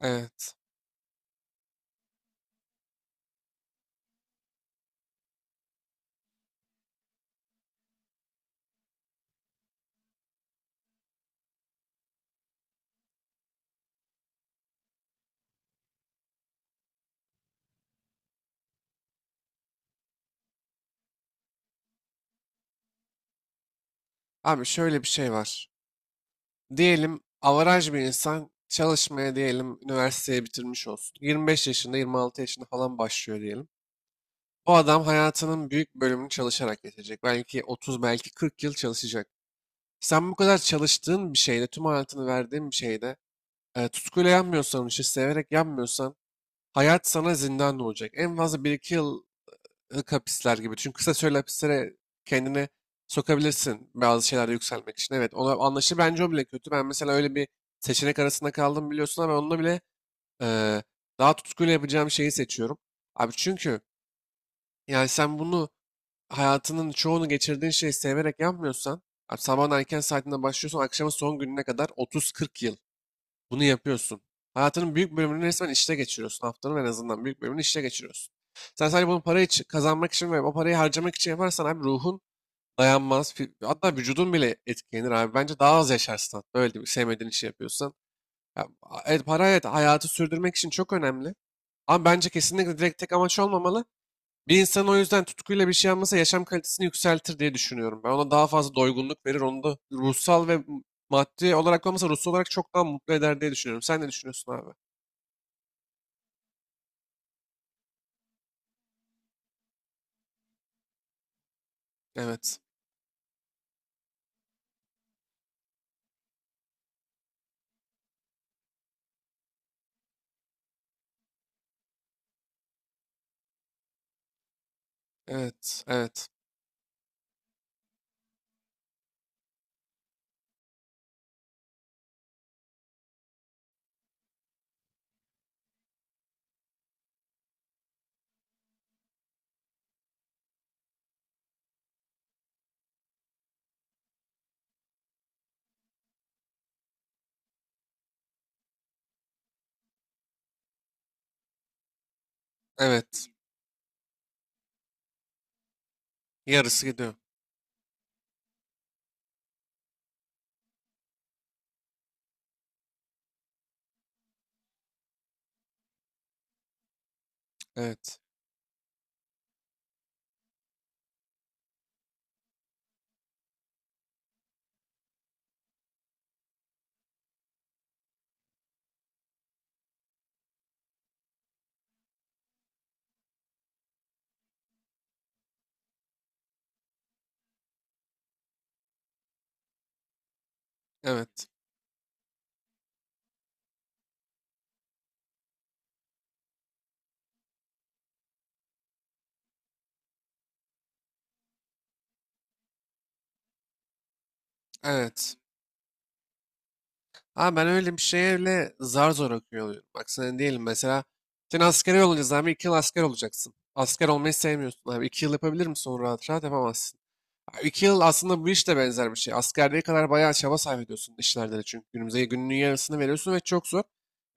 Evet. Abi şöyle bir şey var. Diyelim avaraj bir insan çalışmaya diyelim üniversiteyi bitirmiş olsun. 25 yaşında 26 yaşında falan başlıyor diyelim. O adam hayatının büyük bölümünü çalışarak geçecek. Belki 30 belki 40 yıl çalışacak. Sen bu kadar çalıştığın bir şeyde tüm hayatını verdiğin bir şeyde tutkuyla yanmıyorsan işi severek yanmıyorsan hayat sana zindan olacak. En fazla bir iki yıl lık hapisler gibi. Çünkü kısa süreli hapislere kendini sokabilirsin bazı şeylerde yükselmek için. Evet ona anlaşılır. Bence o bile kötü. Ben mesela öyle bir seçenek arasında kaldım biliyorsun ama onunla bile eee, daha tutkuyla yapacağım şeyi seçiyorum. Abi çünkü yani sen bunu hayatının çoğunu geçirdiğin şeyi severek yapmıyorsan abi sabahın erken saatinde başlıyorsan akşamın son gününe kadar 30-40 yıl bunu yapıyorsun. Hayatının büyük bölümünü resmen işte geçiriyorsun. Haftanın en azından büyük bölümünü işte geçiriyorsun. Sen sadece bunu para için, kazanmak için ve o parayı harcamak için yaparsan abi ruhun dayanmaz. Hatta vücudun bile etkilenir abi. Bence daha az yaşarsın. Hatta, öyle değil mi? Sevmediğin işi yapıyorsan. Ya, evet, para evet hayatı sürdürmek için çok önemli. Ama bence kesinlikle direkt tek amaç olmamalı. Bir insan o yüzden tutkuyla bir şey yapması yaşam kalitesini yükseltir diye düşünüyorum. Ben ona daha fazla doygunluk verir, onu da ruhsal ve maddi olarak olmasa ruhsal olarak çok daha mutlu eder diye düşünüyorum. Sen ne düşünüyorsun abi? Evet, evet, evet, evet. Yarısı gidiyor. Evet, evet, evet. Abi ben öyle bir şeye öyle zar zor okuyor oluyorum. Bak sen diyelim mesela sen askere yollanacağız abi 2 yıl asker olacaksın. Asker olmayı sevmiyorsun abi. 2 yıl yapabilir misin onu rahat rahat yapamazsın. 2 yıl aslında bu iş de benzer bir şey. Askerliğe kadar bayağı çaba sarf ediyorsun işlerde de çünkü günümüze gününün yarısını veriyorsun ve çok zor.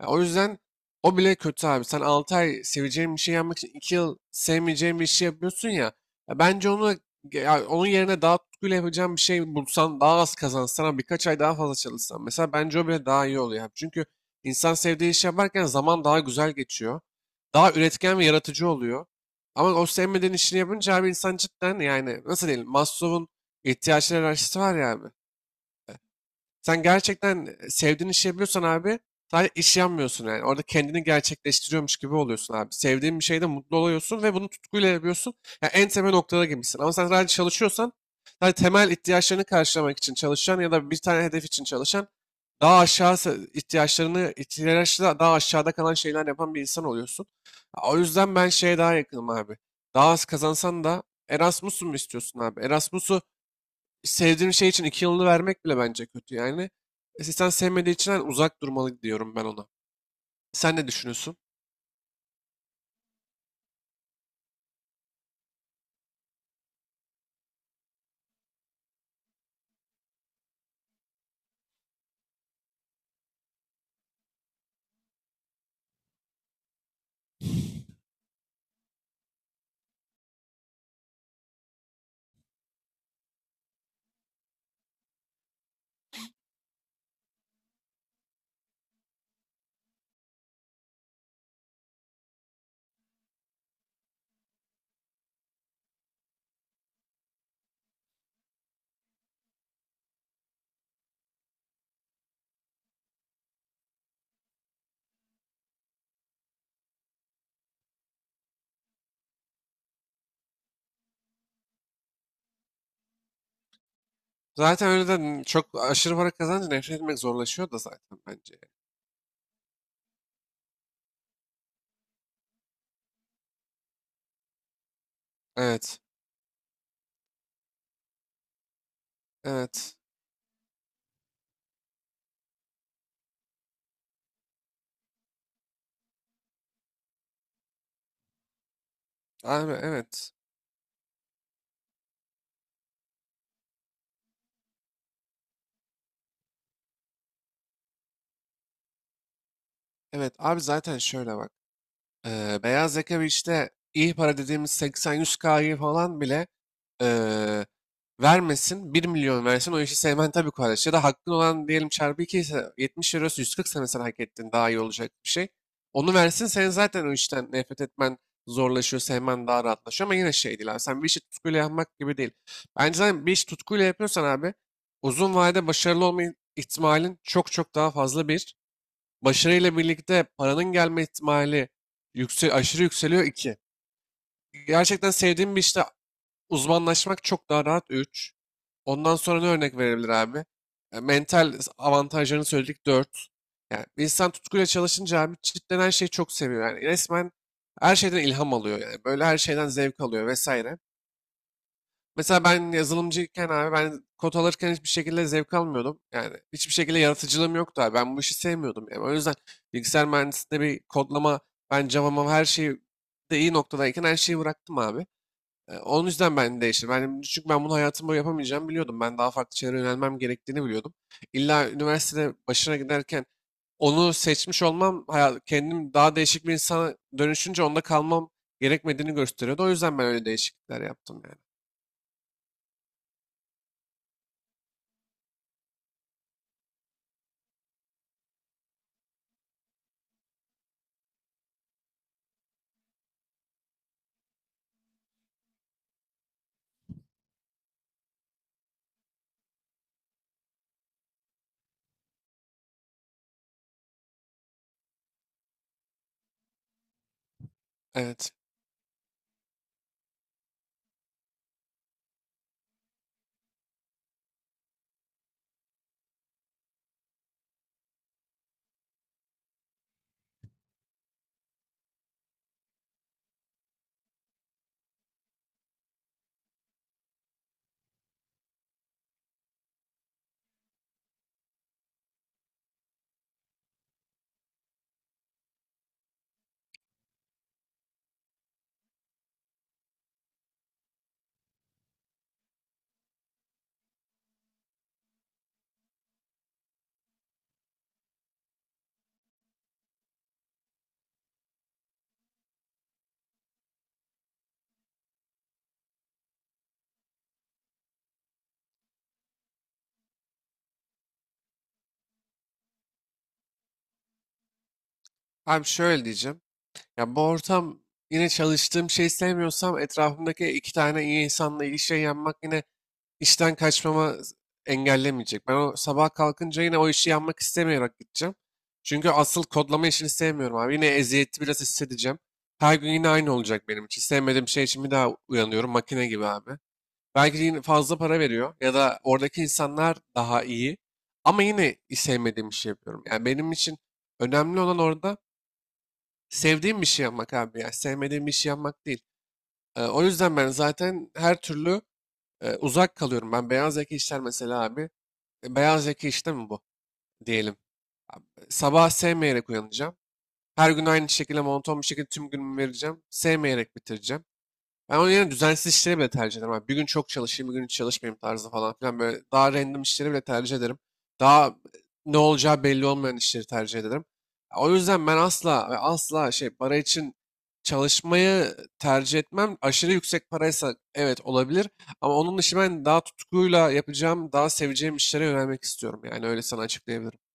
Ya o yüzden o bile kötü abi. Sen 6 ay seveceğin bir şey yapmak için 2 yıl sevmeyeceğin bir şey yapıyorsun ya. Ya bence onu ya onun yerine daha tutkuyla yapacağın bir şey bulsan, daha az kazansan ama birkaç ay daha fazla çalışsan. Mesela bence o bile daha iyi oluyor, abi. Çünkü insan sevdiği iş yaparken zaman daha güzel geçiyor. Daha üretken ve yaratıcı oluyor. Ama o sevmediğin işini yapınca abi insan cidden yani nasıl diyelim Maslow'un ihtiyaçlar hiyerarşisi var ya abi. Sen gerçekten sevdiğin işi yapıyorsan abi sadece iş yanmıyorsun yani. Orada kendini gerçekleştiriyormuş gibi oluyorsun abi. Sevdiğin bir şeyde mutlu oluyorsun ve bunu tutkuyla yapıyorsun. Yani en temel noktada gibisin. Ama sen sadece çalışıyorsan sadece temel ihtiyaçlarını karşılamak için çalışan ya da bir tane hedef için çalışan daha aşağı ihtiyaçlarını ihtiyaçla daha aşağıda kalan şeyler yapan bir insan oluyorsun. O yüzden ben şeye daha yakınım abi. Daha az kazansan da Erasmus'u mu istiyorsun abi? Erasmus'u sevdiğim şey için 2 yılını vermek bile bence kötü yani. Sen sevmediği için hani uzak durmalı diyorum ben ona. Sen ne düşünüyorsun? Zaten öyle de çok aşırı para kazanınca nefret etmek zorlaşıyor da zaten bence. Evet. Evet. Abi evet. Evet abi zaten şöyle bak. Beyaz yaka bir işte iyi para dediğimiz 80-100K'yı falan bile eee, vermesin. 1 milyon versin o işi sevmen tabii kardeş. Ya da hakkın olan diyelim çarpı 2 ise 70 eurosu 140 sene sen hak ettin daha iyi olacak bir şey. Onu versin sen zaten o işten nefret etmen zorlaşıyor, sevmen daha rahatlaşıyor ama yine şey değil abi. Sen bir işi tutkuyla yapmak gibi değil. Bence zaten bir işi tutkuyla yapıyorsan abi uzun vadede başarılı olma ihtimalin çok çok daha fazla bir. Başarıyla birlikte paranın gelme ihtimali aşırı yükseliyor iki. Gerçekten sevdiğim bir işte uzmanlaşmak çok daha rahat üç. Ondan sonra ne örnek verebilir abi? Mental avantajlarını söyledik dört. Yani bir insan tutkuyla çalışınca abi cidden her şeyi çok seviyor. Yani resmen her şeyden ilham alıyor yani. Böyle her şeyden zevk alıyor vesaire. Mesela ben yazılımcıyken abi ben kod alırken hiçbir şekilde zevk almıyordum. Yani hiçbir şekilde yaratıcılığım yoktu abi. Ben bu işi sevmiyordum. Yani o yüzden bilgisayar mühendisliğinde bir kodlama, ben Java'ma her şeyi de iyi noktadayken her şeyi bıraktım abi. Onun yüzden ben değiştim. Ben, çünkü ben bunu hayatım boyu yapamayacağımı biliyordum. Ben daha farklı şeylere yönelmem gerektiğini biliyordum. İlla üniversitede başına giderken onu seçmiş olmam, hayat, kendim daha değişik bir insana dönüşünce onda kalmam gerekmediğini gösteriyordu. O yüzden ben öyle değişiklikler yaptım yani. Evet. Abi şöyle diyeceğim. Ya bu ortam yine çalıştığım şeyi sevmiyorsam etrafımdaki 2 tane iyi insanla ilişkiye yanmak yine işten kaçmama engellemeyecek. Ben o sabah kalkınca yine o işi yanmak istemeyerek gideceğim. Çünkü asıl kodlama işini sevmiyorum abi. Yine eziyeti biraz hissedeceğim. Her gün yine aynı olacak benim için. Sevmediğim şey için bir daha uyanıyorum makine gibi abi. Belki yine fazla para veriyor ya da oradaki insanlar daha iyi. Ama yine sevmediğim işi yapıyorum. Yani benim için önemli olan orada sevdiğim bir şey yapmak abi ya. Sevmediğim bir şey yapmak değil. O yüzden ben zaten her türlü uzak kalıyorum. Ben beyaz yaka işler mesela abi. Beyaz yaka işte mi bu diyelim. Abi, sabah sevmeyerek uyanacağım. Her gün aynı şekilde monoton bir şekilde tüm günümü vereceğim. Sevmeyerek bitireceğim. Ben onun yerine düzensiz işleri bile tercih ederim, abi. Bir gün çok çalışayım, bir gün hiç çalışmayayım tarzı falan filan. Böyle daha random işleri bile tercih ederim. Daha ne olacağı belli olmayan işleri tercih ederim. O yüzden ben asla ve asla şey para için çalışmayı tercih etmem. Aşırı yüksek paraysa evet olabilir. Ama onun dışı ben daha tutkuyla yapacağım, daha seveceğim işlere yönelmek istiyorum. Yani öyle sana açıklayabilirim.